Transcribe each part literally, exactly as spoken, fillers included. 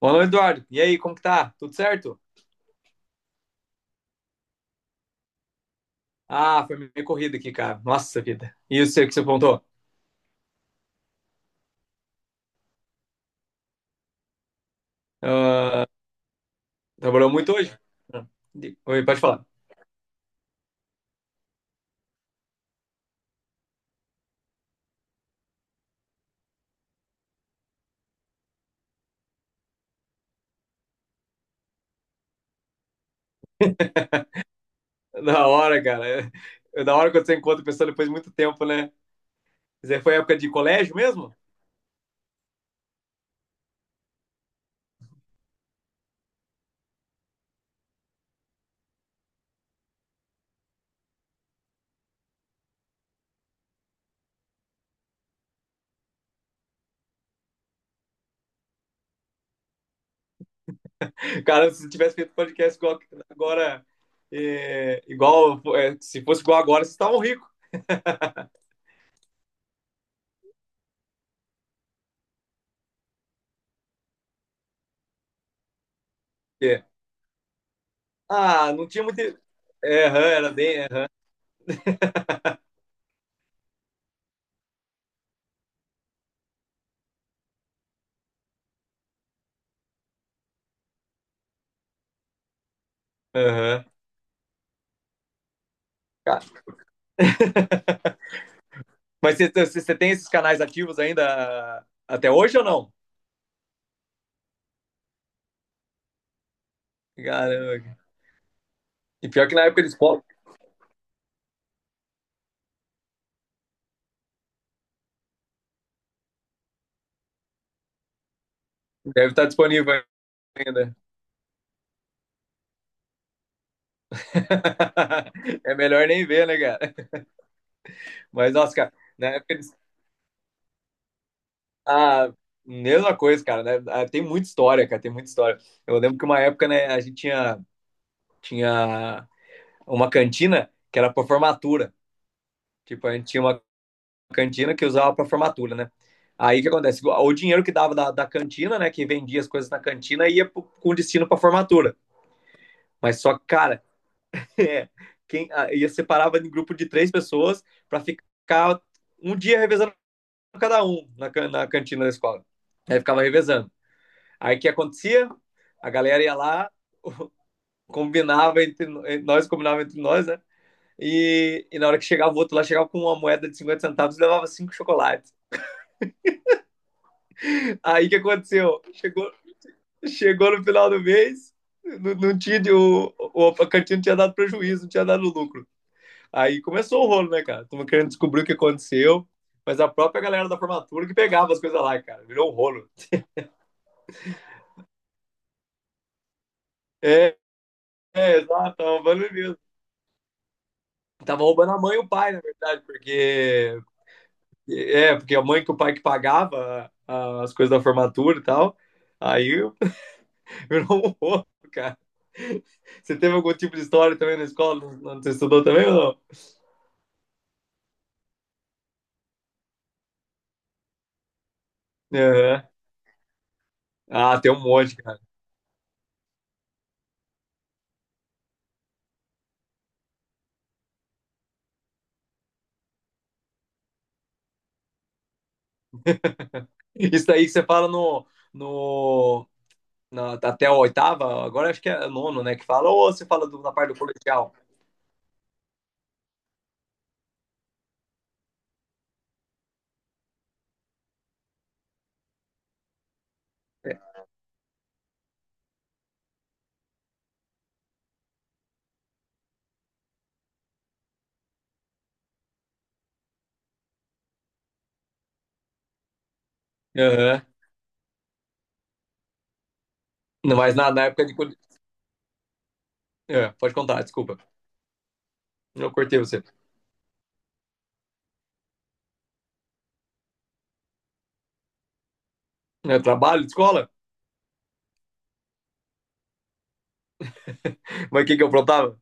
Olá, Eduardo. E aí, como que tá? Tudo certo? Ah, foi meio corrida aqui, cara. Nossa vida. E eu sei o seu que você apontou? Ah, trabalhou muito hoje? Ah, de- Oi, pode falar. Da hora, cara. É, da hora quando você encontra a pessoa depois de muito tempo, né? Você foi época de colégio mesmo? Cara, se tivesse feito podcast igual agora, é, igual, é, se fosse igual agora, vocês estavam ricos. É. Ah, não tinha muito. É, aham, era bem. É, aham. Ca- Mas você, você você tem esses canais ativos ainda até hoje ou não? Caramba. E pior que na época eles po- deve estar disponível ainda. É melhor nem ver, né, cara? Mas, nossa, cara, na época eles. Ah, mesma coisa, cara, né? Ah, tem muita história, cara, tem muita história. Eu lembro que uma época, né, a gente tinha, tinha uma cantina que era pra formatura. Tipo, a gente tinha uma cantina que usava pra formatura, né? Aí o que acontece? O dinheiro que dava da, da cantina, né, que vendia as coisas na cantina, ia pro- com destino pra formatura. Mas só, que, cara, é, quem, ah, ia separava em grupo de três pessoas pra ficar um dia revezando cada um na, can- na cantina da escola. Aí ficava revezando. Aí o que acontecia? A galera ia lá, combinava entre eh, nós, combinava entre nós, né? E, e na hora que chegava o outro lá, chegava com uma moeda de cinquenta centavos e levava cinco chocolates. Aí o que aconteceu? Chegou, chegou no final do mês, não, não tinha, o, o, a cantina não tinha dado prejuízo, não tinha dado lucro. Aí começou o rolo, né, cara? Tamo querendo descobrir o que aconteceu, mas a própria galera da formatura que pegava as coisas lá, cara. Virou um rolo. É, é, exato, tava roubando mesmo. Tava roubando a mãe e o pai, na verdade, porque. É, porque a mãe que o pai que pagava a- as coisas da formatura e tal. Aí eu- virou um roubo, cara. Você teve algum tipo de história também na escola? Não, não- você estudou também ou não? Aham. Ah, tem um monte, cara. Isso aí que você fala no, no, na- até a oitava, agora acho que é nono, né? Que fala, ou você fala do- na parte do colegial? É. Aham. Não, Mas na, na época de. Cole- É, pode contar, desculpa. Eu cortei você. Eu trabalho, escola? Mas o que que eu aprontava?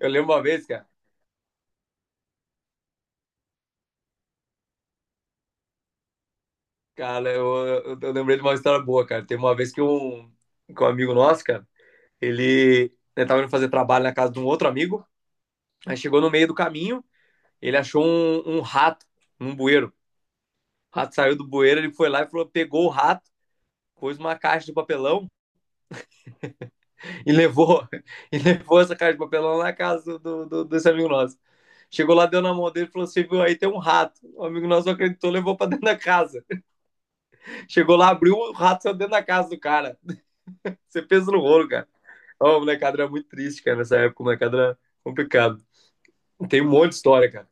Eu lembro uma vez, cara. Cara, eu, eu, eu lembrei de uma história boa, cara. Tem uma vez que um, que um amigo nosso, cara, ele, ele tava indo fazer trabalho na casa de um outro amigo. Aí chegou no meio do caminho, ele achou um, um rato num bueiro. O rato saiu do bueiro, ele foi lá e falou, pegou o rato, pôs uma caixa de papelão e levou, e levou essa caixa de papelão lá na casa do, do- desse amigo nosso. Chegou lá, deu na mão dele e falou: Você viu aí, tem um rato. O amigo nosso não acreditou, levou pra dentro da casa. Chegou lá, abriu, o rato saiu dentro da casa do cara. Você pensa no rolo, cara. Ó, o molecada era muito triste, cara, nessa época. O molecada era complicado. Tem um monte de história, cara.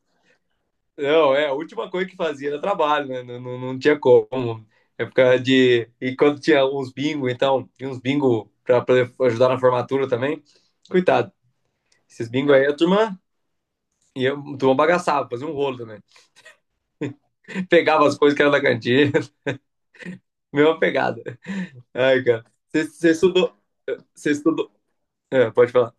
Não, é, a última coisa que fazia era trabalho, né? Não, não, não tinha como. Época de. E quando tinha uns bingo, então, tinha uns bingo pra, pra ajudar na formatura também. Coitado, esses bingo aí, a turma e eu, a turma bagaçava, fazia um rolo também. Pegava as coisas que era da cantina, mesma pegada. Ai, cara. Você estudou. Você estudou. É, pode falar.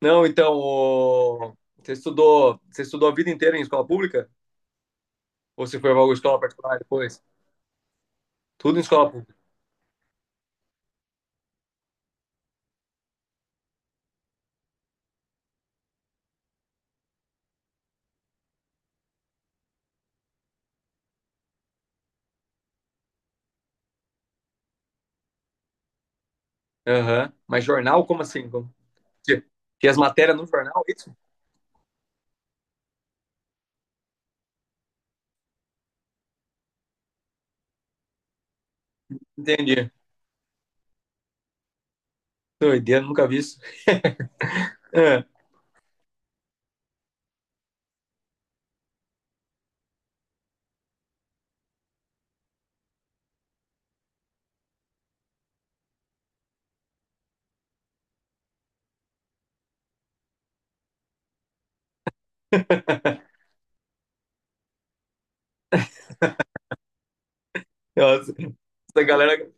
Não, então, o- você estudou, você estudou a vida inteira em escola pública? Ou você foi para alguma escola particular depois? Tudo em escola pública. Aham. Mas jornal, como assim? Como... Que tinha as matérias no jornal, é isso? Entendi. Doideira, nunca vi isso. É, nossa, essa galera,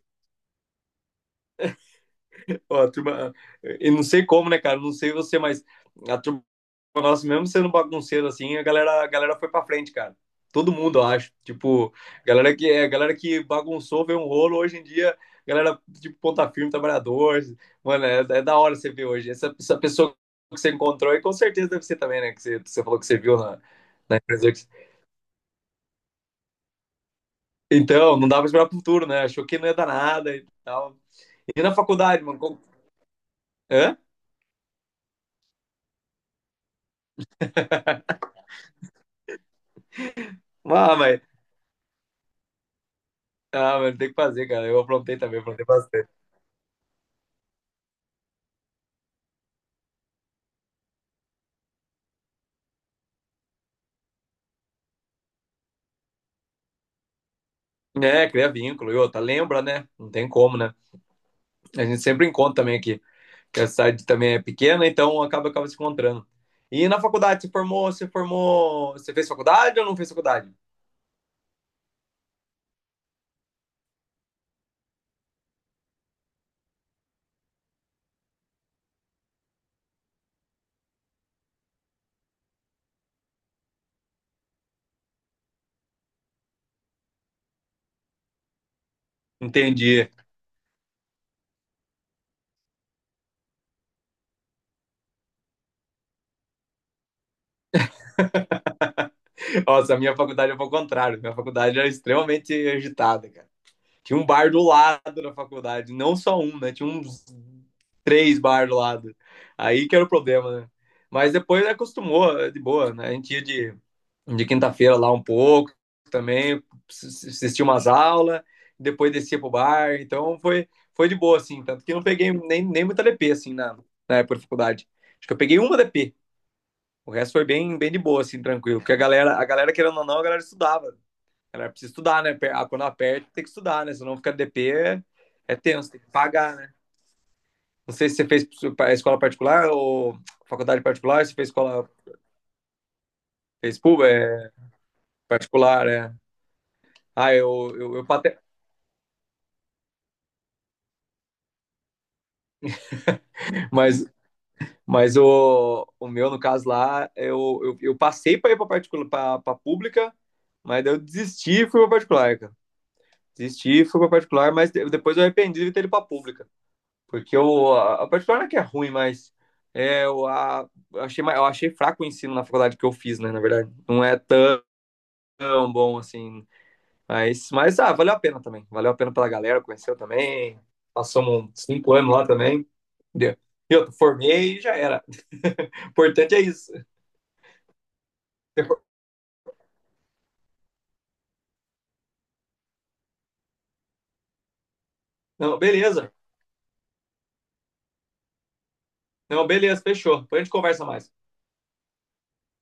ó, a turma, eu não sei como, né, cara? Não sei você, mas a turma nosso, mesmo sendo bagunceiro assim, a galera, a galera foi pra frente, cara. Todo mundo, eu acho. Tipo, galera que é, galera que bagunçou, veio um rolo hoje em dia, galera tipo ponta firme, trabalhador. Mano, é, é da hora você ver hoje. Essa, essa pessoa que você encontrou, e com certeza deve ser também, né? Que você, você falou que você viu na, na empresa. que- Então, não dava pra esperar pro futuro, né? Achou que não ia dar nada e tal. E na faculdade, mano? como- Hã? Ah, mas, ah, mas tem que fazer, cara. Eu aprontei também, aprontei bastante. É, cria vínculo. E outra, lembra, né? Não tem como, né? A gente sempre encontra também aqui, que a cidade também é pequena, então acaba, acaba se encontrando. E na faculdade, você formou, você formou, você fez faculdade ou não fez faculdade? Entendi. Nossa, a minha faculdade é o contrário. Minha faculdade era extremamente agitada, cara. Tinha um bar do lado da faculdade, não só um, né? Tinha uns três bar do lado. Aí que era o problema, né? Mas depois acostumou, de boa, né? A gente ia de de quinta-feira lá um pouco também, assisti umas aulas, depois descia pro bar, então foi, foi de boa, assim, tanto que eu não peguei nem, nem muita D P, assim, na, na época da faculdade. Acho que eu peguei uma D P, o resto foi bem, bem de boa, assim, tranquilo, porque a galera, a galera, querendo ou não, a galera estudava, a galera precisa estudar, né, quando aperta tem que estudar, né, senão ficar D P é, é tenso, tem que pagar, né. Não sei se você fez escola particular ou faculdade particular, se fez escola, fez pública, é particular, é. Ah, eu, eu, eu pate... mas Mas o, o meu, no caso lá, eu, eu, eu passei para ir para particular, para pública, mas daí eu desisti e fui para particular, cara. Desisti e fui para particular, mas de- depois eu arrependi de ter ido para pública. Porque eu, a a particular não é que é ruim, mas é, eu, a, eu achei, ma- eu achei fraco o ensino na faculdade que eu fiz, né? Na verdade, não é tão bom assim. Mas, mas ah, valeu a pena também. Valeu a pena pela galera, conheceu também. Passamos uns cinco anos lá também. Entendeu? E eu formei e já era. O importante é isso. Não, beleza. Não, beleza, fechou. Depois a gente conversa mais.